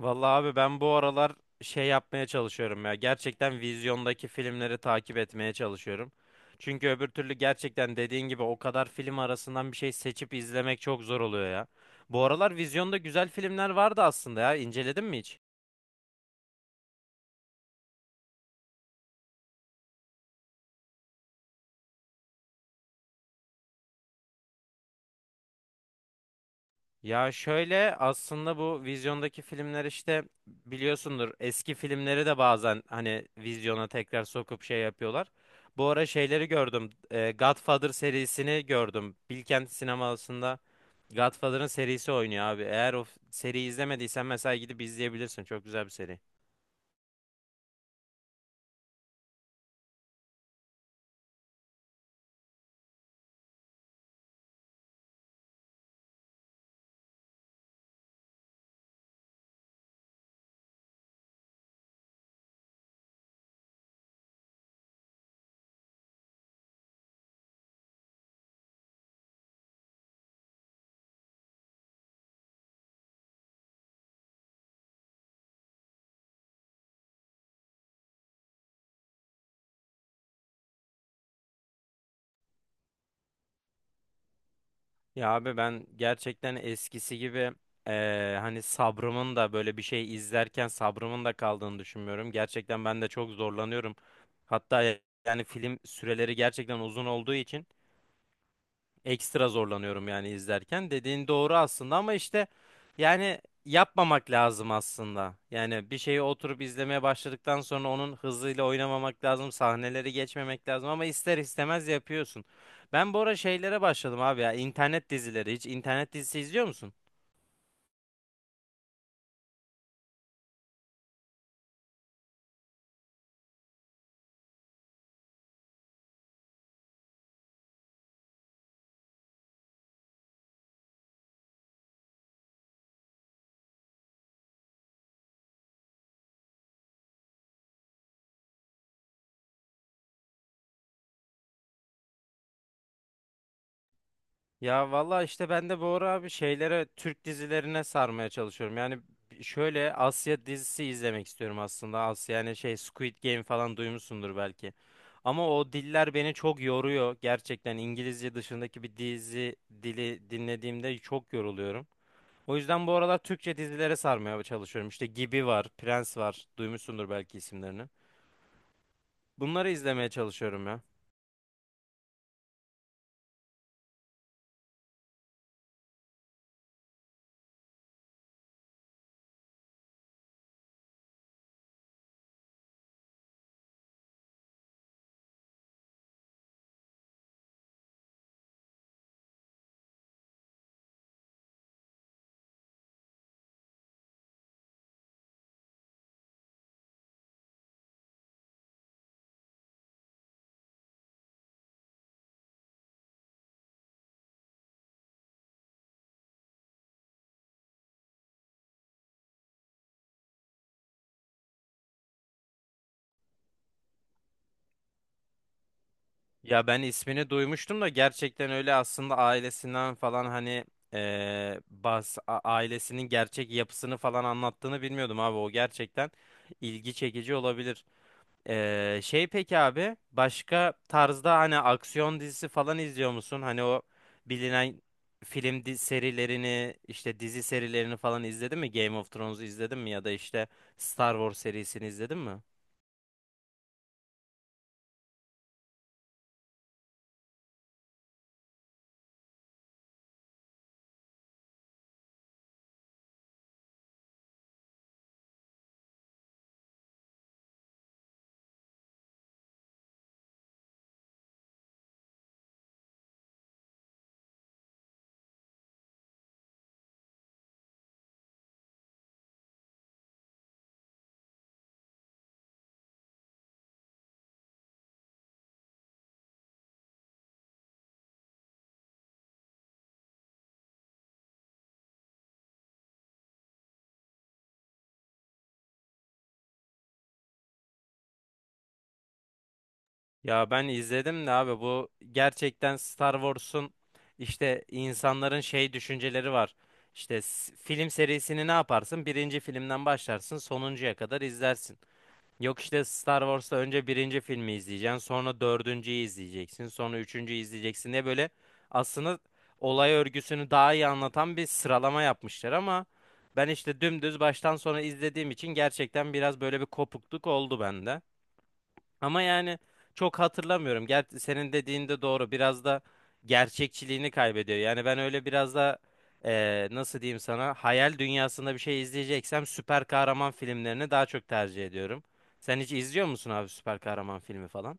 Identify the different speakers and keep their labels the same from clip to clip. Speaker 1: Vallahi abi ben bu aralar şey yapmaya çalışıyorum ya. Gerçekten vizyondaki filmleri takip etmeye çalışıyorum. Çünkü öbür türlü gerçekten dediğin gibi o kadar film arasından bir şey seçip izlemek çok zor oluyor ya. Bu aralar vizyonda güzel filmler vardı aslında ya. İnceledin mi hiç? Ya şöyle aslında bu vizyondaki filmler işte biliyorsundur, eski filmleri de bazen hani vizyona tekrar sokup şey yapıyorlar. Bu ara şeyleri gördüm. Godfather serisini gördüm. Bilkent sinemasında Godfather'ın serisi oynuyor abi. Eğer seriyi izlemediysen mesela gidip izleyebilirsin. Çok güzel bir seri. Ya abi ben gerçekten eskisi gibi hani sabrımın da böyle bir şey izlerken sabrımın da kaldığını düşünmüyorum. Gerçekten ben de çok zorlanıyorum. Hatta ya- Yani film süreleri gerçekten uzun olduğu için ekstra zorlanıyorum yani izlerken. Dediğin doğru aslında ama işte yani yapmamak lazım aslında. Yani bir şeyi oturup izlemeye başladıktan sonra onun hızıyla oynamamak lazım, sahneleri geçmemek lazım ama ister istemez yapıyorsun. Ben bu ara şeylere başladım abi, ya internet dizileri. Hiç internet dizisi izliyor musun? Ya valla işte ben de bu ara abi şeylere, Türk dizilerine sarmaya çalışıyorum. Yani şöyle Asya dizisi izlemek istiyorum aslında. Asya yani şey Squid Game falan duymuşsundur belki. Ama o diller beni çok yoruyor. Gerçekten İngilizce dışındaki bir dizi dili dinlediğimde çok yoruluyorum. O yüzden bu aralar Türkçe dizilere sarmaya çalışıyorum. İşte Gibi var, Prens var. Duymuşsundur belki isimlerini. Bunları izlemeye çalışıyorum ya. Ya ben ismini duymuştum da gerçekten öyle aslında ailesinden falan hani ailesinin gerçek yapısını falan anlattığını bilmiyordum abi, o gerçekten ilgi çekici olabilir. Şey peki abi, başka tarzda hani aksiyon dizisi falan izliyor musun? Hani o bilinen serilerini, işte dizi serilerini falan izledin mi? Game of Thrones'u izledin mi ya da işte Star Wars serisini izledin mi? Ya ben izledim de abi, bu gerçekten Star Wars'un işte insanların şey düşünceleri var. Film serisini ne yaparsın? Birinci filmden başlarsın, sonuncuya kadar izlersin. Yok işte Star Wars'ta önce birinci filmi izleyeceksin, sonra dördüncüyü izleyeceksin, sonra üçüncüyü izleyeceksin diye böyle aslında olay örgüsünü daha iyi anlatan bir sıralama yapmışlar ama ben işte dümdüz baştan sona izlediğim için gerçekten biraz böyle bir kopukluk oldu bende. Ama yani çok hatırlamıyorum. Ger senin dediğin de doğru. Biraz da gerçekçiliğini kaybediyor. Yani ben öyle biraz da nasıl diyeyim sana, hayal dünyasında bir şey izleyeceksem süper kahraman filmlerini daha çok tercih ediyorum. Sen hiç izliyor musun abi, süper kahraman filmi falan?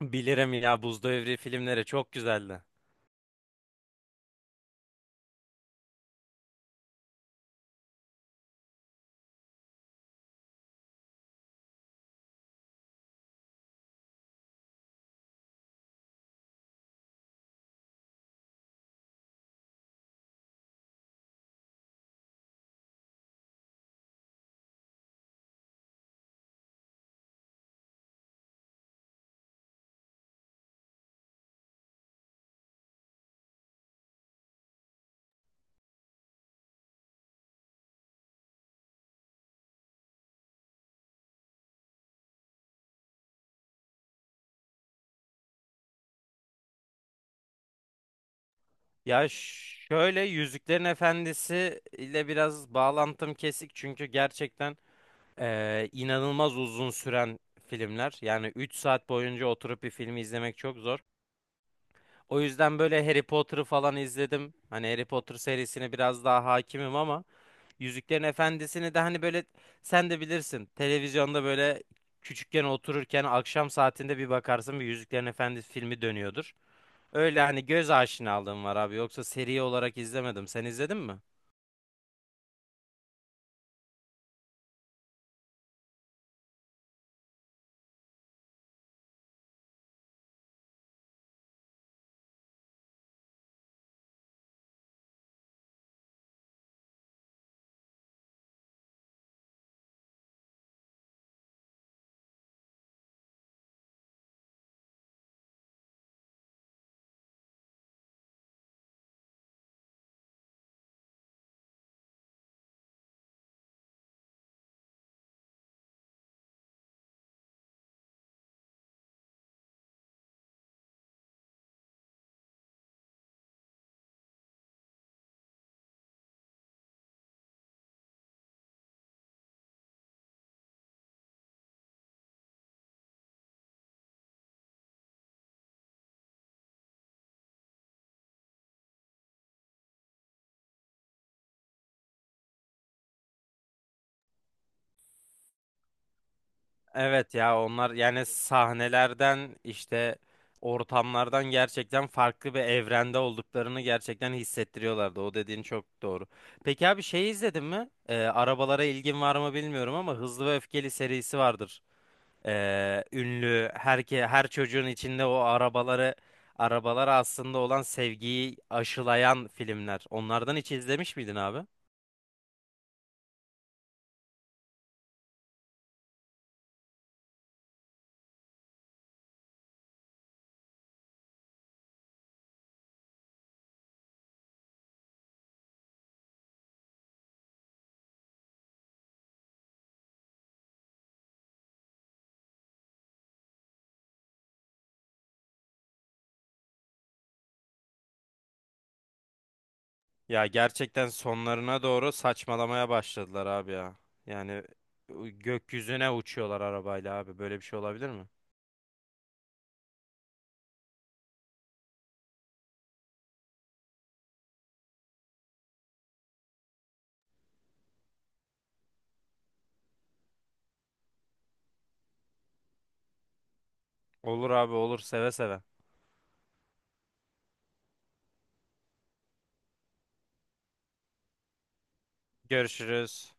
Speaker 1: Bilirim ya, Buz Devri filmleri çok güzeldi. Ya şöyle Yüzüklerin Efendisi ile biraz bağlantım kesik, çünkü gerçekten inanılmaz uzun süren filmler. Yani 3 saat boyunca oturup bir filmi izlemek çok zor. O yüzden böyle Harry Potter'ı falan izledim. Hani Harry Potter serisine biraz daha hakimim ama Yüzüklerin Efendisi'ni de hani böyle, sen de bilirsin. Televizyonda böyle küçükken otururken akşam saatinde bir bakarsın, bir Yüzüklerin Efendisi filmi dönüyordur. Öyle hani göz aşinalığım var abi. Yoksa seri olarak izlemedim. Sen izledin mi? Evet ya, onlar yani sahnelerden işte ortamlardan gerçekten farklı bir evrende olduklarını gerçekten hissettiriyorlardı. O dediğin çok doğru. Peki abi, şey izledin mi? Arabalara ilgin var mı bilmiyorum ama Hızlı ve Öfkeli serisi vardır. Ünlü her çocuğun içinde o arabalara aslında olan sevgiyi aşılayan filmler. Onlardan hiç izlemiş miydin abi? Ya gerçekten sonlarına doğru saçmalamaya başladılar abi ya. Yani gökyüzüne uçuyorlar arabayla abi. Böyle bir şey olabilir mi? Olur abi, olur seve seve. Görüşürüz.